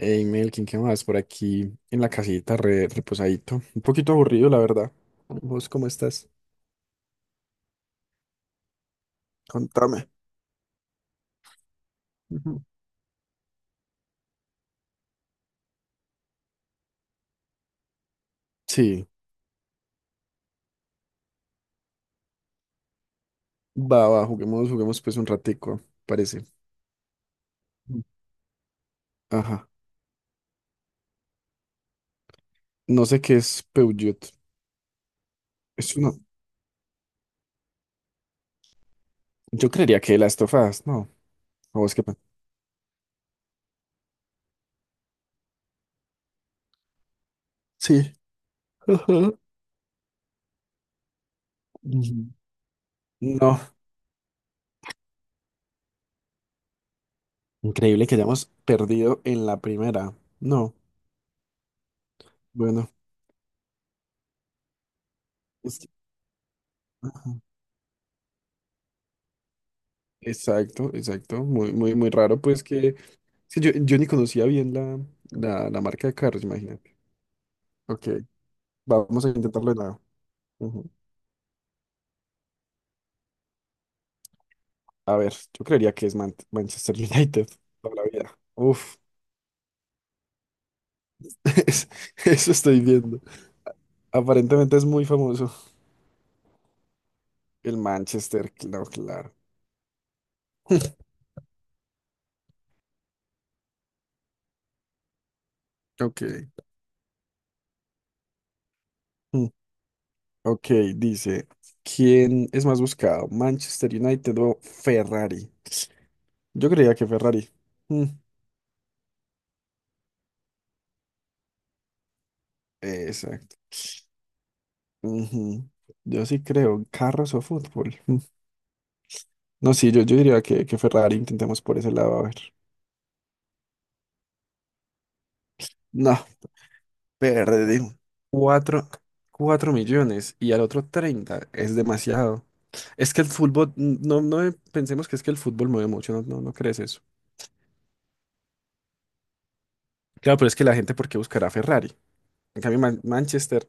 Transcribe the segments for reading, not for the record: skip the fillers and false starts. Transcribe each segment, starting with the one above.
Hey Melkin, ¿qué más? Por aquí en la casita, reposadito. Un poquito aburrido, la verdad. ¿Vos cómo estás? Contame. Ujú. Sí, va, juguemos pues un ratico, parece. Mm. Ajá. No sé qué es Peugeot. Es una... Yo creería que las tofadas, ¿no? ¿O vos qué pe- Sí. Ajá. Ujú. No. Increíble que hayamos perdido en la primera. No. Bueno. es- Exacto. Muy raro, pues que. Sí, yo ni conocía bien la marca de carros, imagínate. Ok, vamos a intentarlo de nuevo. Ujú. A ver, yo creería que es Manchester United toda la vida. Uf, es- eso estoy viendo. Aparentemente es muy famoso. El Manchester, claro. Ok. Mm, Ok, dice, ¿quién es más buscado? ¿Manchester United o Ferrari? Yo creía que Ferrari. Mm, Exacto. Ujú. Yo sí creo, carros o fútbol. No, sí, yo diría que Ferrari intentemos por ese lado, a ver. No, perdí. Cuatro, cuatro millones y al otro 30 es demasiado. Es que el fútbol, n- no pensemos que es que el fútbol mueve mucho, no crees eso. Claro, pero es que la gente, ¿por qué buscará Ferrari? En cambio, Manchester,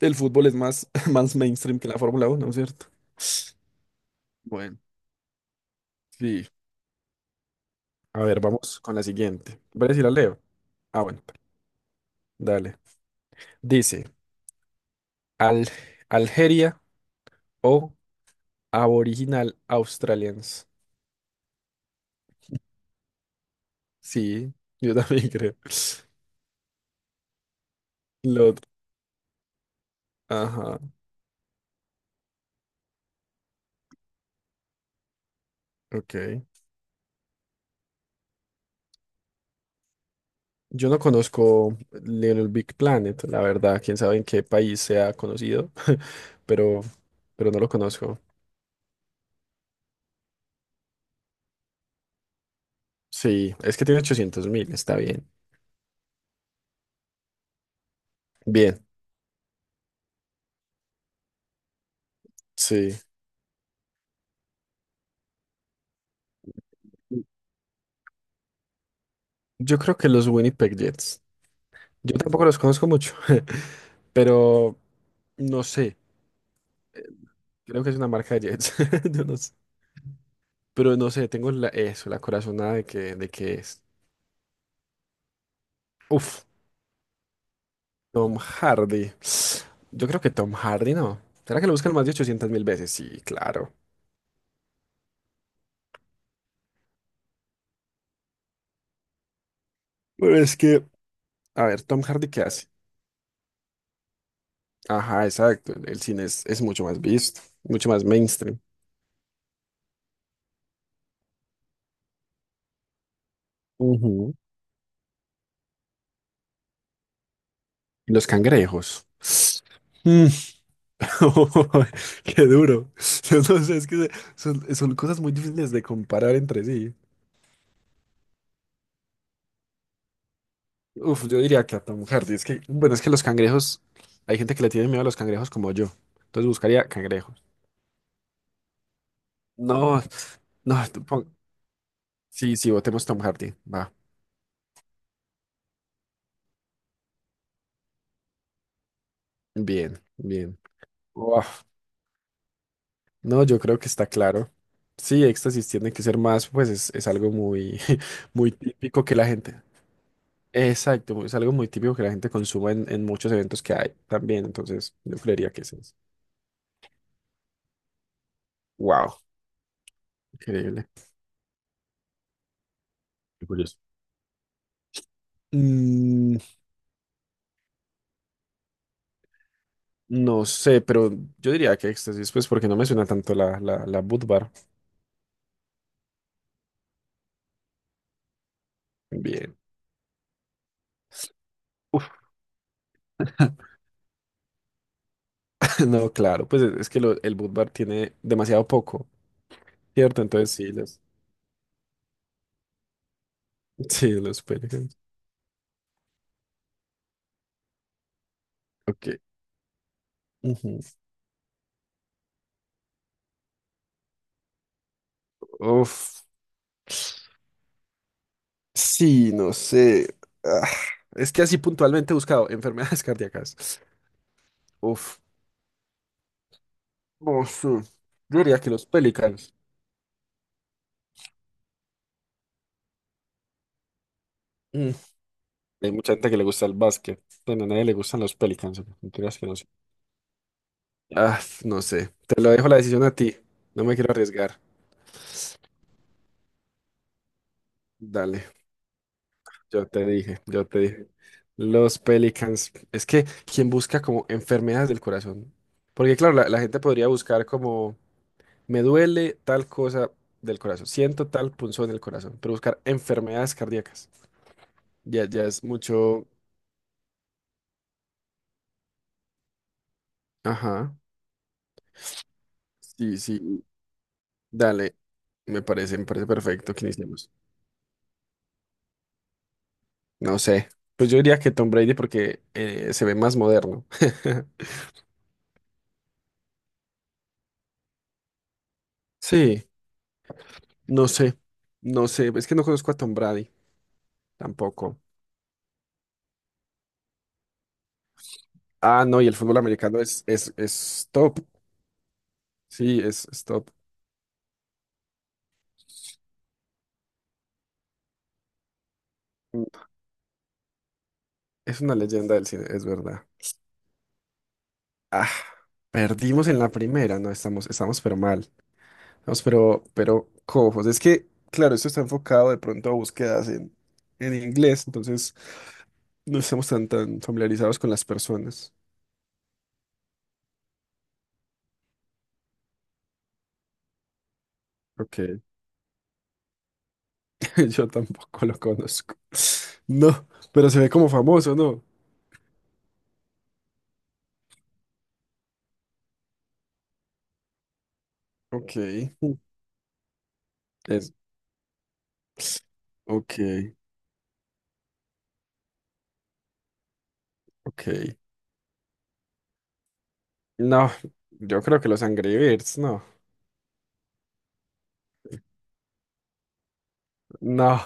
el fútbol es más, más mainstream que la Fórmula Uno, ¿cierto? Bueno, sí. A ver, vamos con la siguiente. ¿Puedes ir a Leo? Ah, bueno, dale. Dice, Al Algeria o Aboriginal Australians. Sí, yo también creo. Lo otro. Ajá, ok. Yo no conozco Little Big Planet, la verdad. Quién sabe en qué país sea conocido, pero, pero no lo conozco. Sí, es que tiene ochocientos mil, está bien. Bien, sí. Yo creo que los Winnipeg Jets. Yo tampoco los conozco mucho, pero no sé. Creo que es una marca de Jets. Yo no sé. Pero no sé, tengo la- eso, la corazonada de que es. Uf, Tom Hardy. Yo creo que Tom Hardy no. ¿Será que lo buscan más de 800 mil veces? Sí, claro. Pero es que, a ver, Tom Hardy, ¿qué hace? Ajá, exacto. El cine es mucho más visto, mucho más mainstream. Ujú. Y los cangrejos. Mm. Qué duro. Yo no sé, es que se- son, son cosas muy difíciles de comparar entre sí. Uf, yo diría que a Tom Hardy. Es que, bueno, es que los cangrejos, hay gente que le tiene miedo a los cangrejos como yo. Entonces buscaría cangrejos. No, no, tú pon- sí, sí, votemos Tom Hardy. Va, bien. Uf, no, yo creo que está claro. Sí, éxtasis tiene que ser más, pues es algo muy, muy típico que la gente. Exacto, es algo muy típico que la gente consuma en muchos eventos que hay también. Entonces, yo creería que es eso. Wow, increíble. Qué curioso. Mm, no sé, pero yo diría que éxtasis, pues porque no me suena tanto la Bud Bar. Bien. Uf. No, claro, pues es que lo- el boot bar tiene demasiado poco, ¿cierto? Entonces sí, los pelicans. Ok. Ujú. Uf. Sí, no sé. Ah, es que así puntualmente he buscado enfermedades cardíacas. Uf. No sé. Yo diría que los pelicans. Mm. Hay mucha gente que le gusta el básquet. Bueno, a nadie le gustan los pelicans, ¿no? Mentiras que no sé. Ah, no sé. Te lo dejo la decisión a ti. No me quiero arriesgar. Dale. Yo te dije. Los Pelicans. Es que quien busca como enfermedades del corazón. Porque claro, la gente podría buscar como me duele tal cosa del corazón, siento tal punzón en el corazón, pero buscar enfermedades cardíacas. Ya es mucho. Ajá. Sí, sí. Dale. Me parece perfecto que iniciemos. No sé. Pues yo diría que Tom Brady porque se ve más moderno. Sí, no sé. No sé. Es que no conozco a Tom Brady tampoco. Ah, no, y el fútbol americano es top. Sí, es top. Mm, es una leyenda del cine, es verdad. Ah, perdimos en la primera, no, estamos pero mal. Estamos pero cojos. Es que, claro, esto está enfocado de pronto a búsquedas en inglés, entonces no estamos tan familiarizados con las personas. Ok, yo tampoco lo conozco. No, pero se ve como famoso, ¿no? Ok, es, ok, ok. No, yo creo que los Angry Birds, no. No,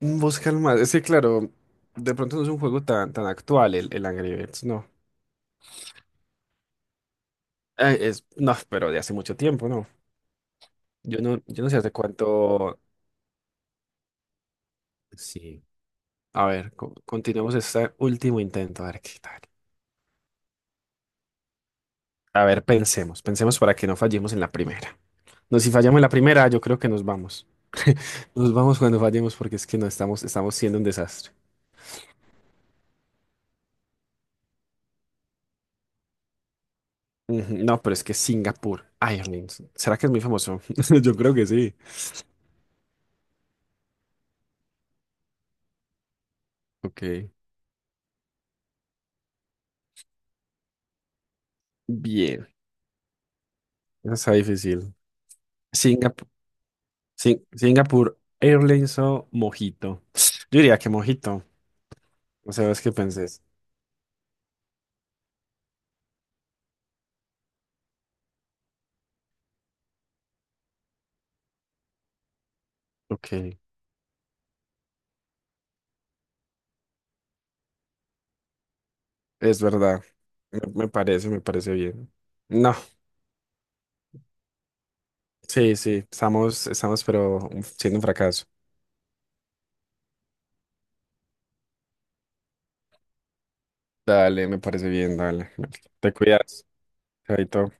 busca el más. Es que, claro, de pronto no es un juego tan actual el Angry Birds, no. Es, no, pero de hace mucho tiempo, no. Yo no sé hace cuánto. Sí. A ver, continuemos este último intento, a ver qué tal. A ver, pensemos para que no fallemos en la primera. No, si fallamos en la primera, yo creo que nos vamos. Nos vamos cuando fallemos porque es que no estamos, estamos siendo un desastre. Ujú, no, pero es que Singapur, Airlines. ¿Será que es muy famoso? Yo creo que sí. Ok. Bien. Eso está difícil. Singapur, Singapur Airlines o Mojito. Yo diría que Mojito. No sabes qué pensés. Ok. Es verdad. Me parece bien. No. Sí, sí. Estamos, pero siendo un fracaso. Dale, me parece bien, dale. Te cuidas. Chaito.